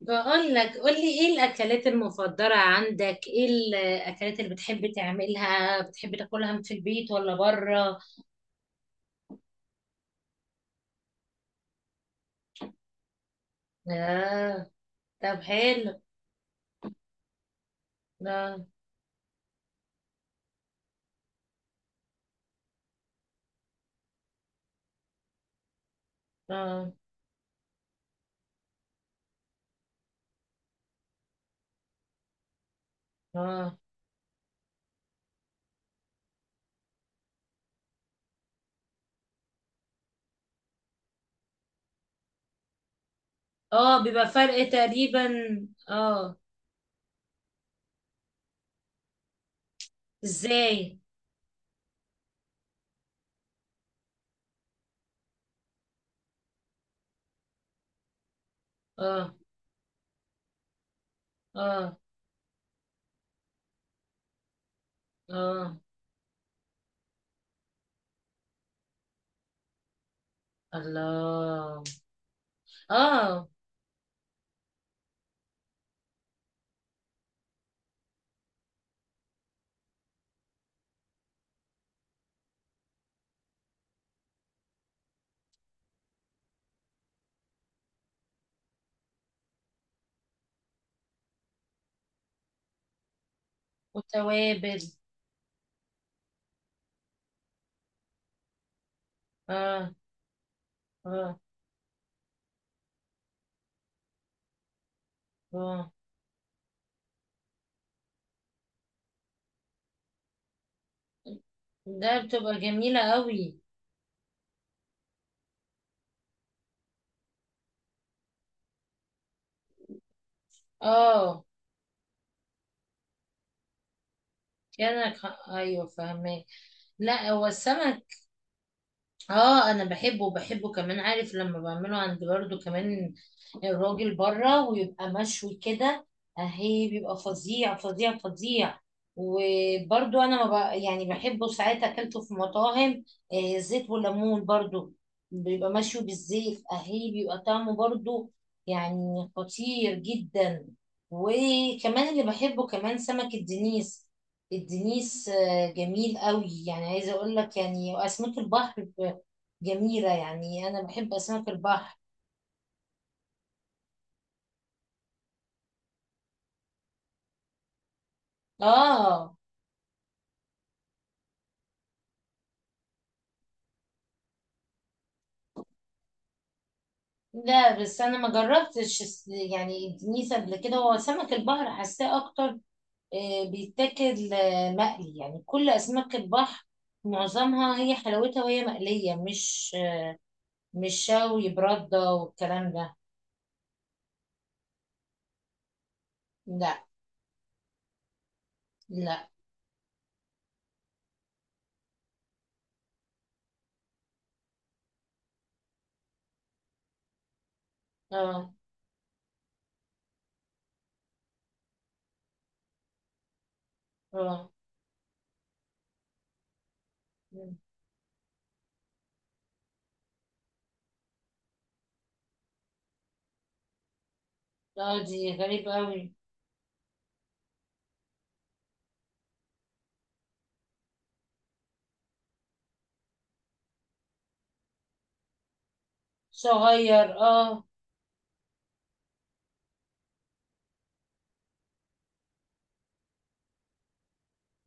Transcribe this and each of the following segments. بقول لك، قولي ايه الاكلات المفضلة عندك، ايه الاكلات اللي بتحب تعملها، بتحب تاكلها في البيت ولا بره؟ اه. طب حلو. اه. اه. اه. اه. بيبقى فرق تقريبا. اه. ازاي؟ اه. اه. اه. الله. اه. وتوابل. اه. اه. اه. ده بتبقى جميلة قوي. اه. كانك... ايوه فاهمك. لا هو السمك. اه، انا بحبه، وبحبه كمان عارف لما بعمله عند برضو كمان الراجل بره ويبقى مشوي كده. اهي بيبقى فظيع فظيع فظيع. وبرضو انا ما بق- يعني بحبه ساعات اكلته في مطاعم، زيت والليمون برضو. بيبقى مشوي بالزيت اهي، بيبقى طعمه برضو يعني خطير جدا. وكمان اللي بحبه كمان سمك الدنيس. الدنيس، جميل قوي، يعني عايزه اقول لك يعني اسماك البحر جميله، يعني انا بحب اسماك البحر. اه. لا، بس انا ما جربتش يعني الدنيس قبل كده، هو سمك البحر حاساه اكتر. بيتاكل مقلي، يعني كل اسماك البحر معظمها هي حلاوتها وهي مقليه، مش شوي برده والكلام ده. لا، لا. اه. اه. اه. دي غريبه قوي. صغير. اه.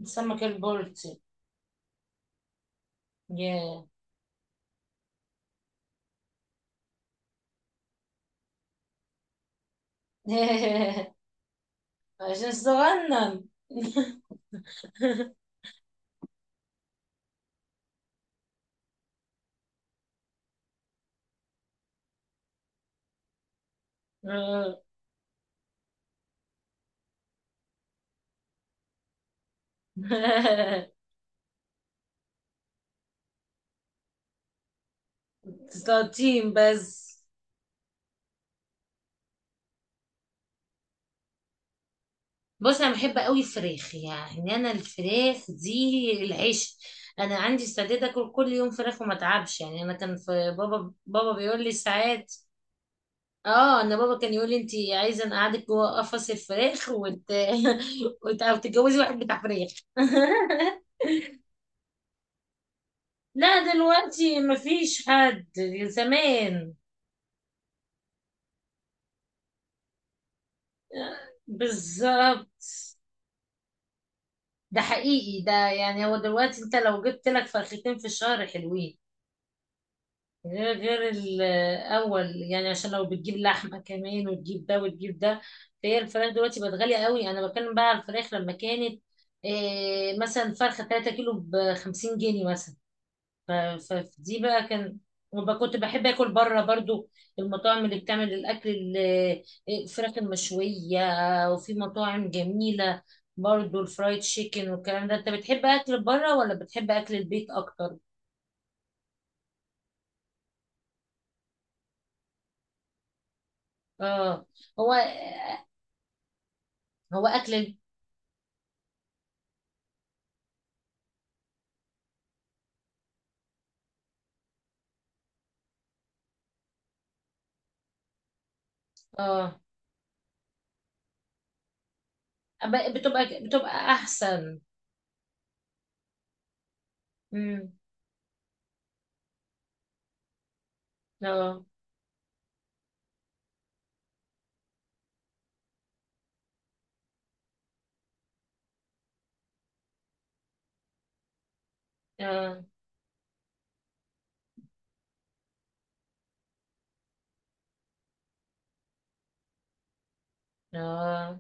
سمك البلطي. ياه. عشان صغنن. آه. سلاطين بس. بص، انا بحب قوي الفراخ، يعني انا الفراخ دي العيش. انا عندي استعداد اكل كل يوم فراخ وما اتعبش، يعني انا كان في بابا بيقول لي ساعات. اه، انا بابا كان يقول لي: انت عايزه انا اقعدك جوه قفص الفراخ وتتجوزي واحد بتاع فراخ. لا دلوقتي مفيش حد. زمان. بالظبط. ده حقيقي، ده يعني هو دلوقتي انت لو جبت لك فرختين في الشهر حلوين. غير الاول، يعني عشان لو بتجيب لحمه كمان وتجيب ده وتجيب ده. فهي الفراخ دلوقتي بقت غاليه قوي، انا بتكلم بقى على الفراخ لما كانت إيه، مثلا فرخه 3 كيلو ب 50 جنيه مثلا. فدي بقى كان. وبقى كنت بحب اكل بره برضو. المطاعم اللي بتعمل الاكل الفراخ المشويه. وفي مطاعم جميله. برضو الفرايد تشيكن والكلام ده. انت بتحب اكل بره ولا بتحب اكل البيت اكتر؟ اه. هو هو اكل. اه. بتبقى احسن. امم اه. اه. اه.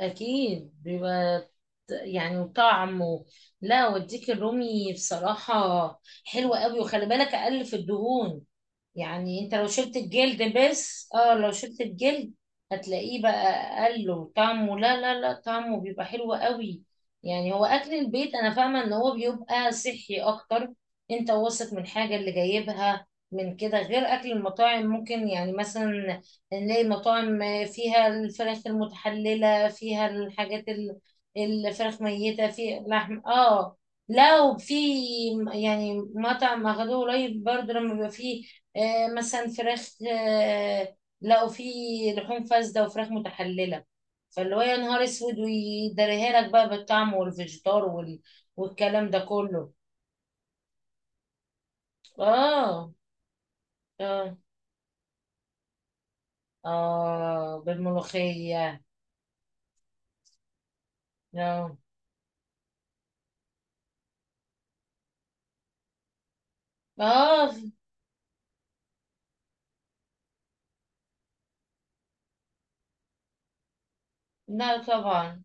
اكيد بيبقى. يعني طعم لا، والديك الرومي بصراحة حلوة قوي، وخلي بالك اقل في الدهون. يعني انت لو شلت الجلد بس، اه، لو شلت الجلد. هتلاقيه بقى اقل، وطعمه، لا، لا، لا، طعمه بيبقى حلو قوي. يعني هو اكل البيت انا فاهمه ان هو بيبقى صحي اكتر. انت واثق من حاجه اللي جايبها من كده، غير اكل المطاعم ممكن يعني مثلا نلاقي مطاعم فيها الفراخ المتحلله، فيها الحاجات الفراخ ميته، في لحم. اه. لو في يعني مطعم اخدوه قريب برضه، لما بيبقى فيه مثلا فراخ، لقوا فيه لحوم فاسدة وفراخ متحللة. فاللي هو يا نهار اسود، ويدريها لك بقى بالطعم والفيجيتار والكلام ده كله. اه. اه. اه. بالملوخية. اه. اه. لا طبعا.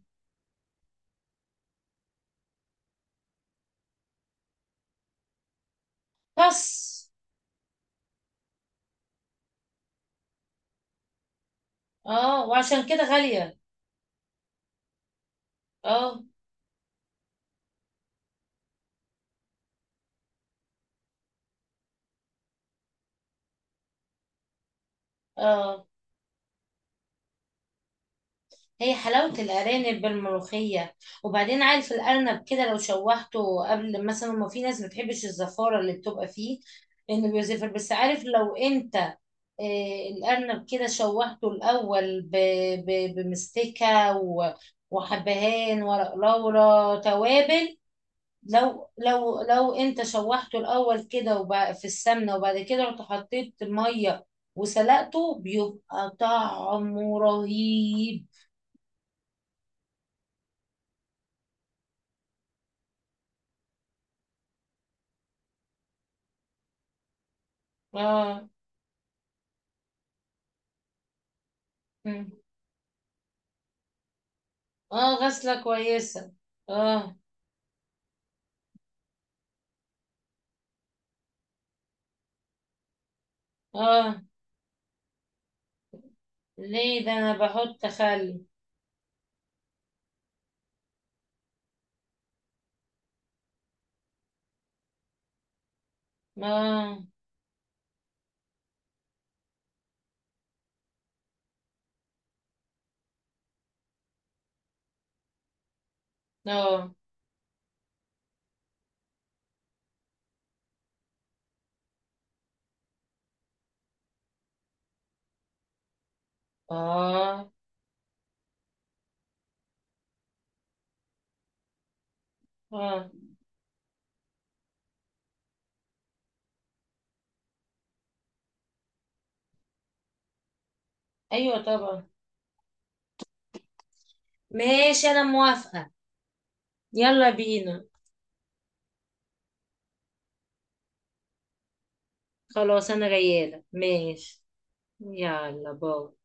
بس. اه، وعشان كده غالية. اه. اه. هي حلاوة الأرانب بالملوخية. وبعدين عارف الأرنب كده لو شوحته قبل، مثلا، ما في ناس ما بتحبش الزفارة اللي بتبقى فيه، إنه بيزفر. بس عارف لو أنت الأرنب كده شوحته الأول بمستكة وحبهان ورق لورا توابل، لو أنت شوحته الأول كده في السمنة، وبعد كده رحت حطيت مية وسلقته، بيبقى طعمه رهيب. اه. مم. اه، غسلة كويسة. اه. اه. ليه؟ ده انا بحط خل. اه. اه. اه. اه. ايوه طبعا. ماشي، انا موافقة. يلا بينا. خلاص انا غيالة، ماشي. يلا، باي.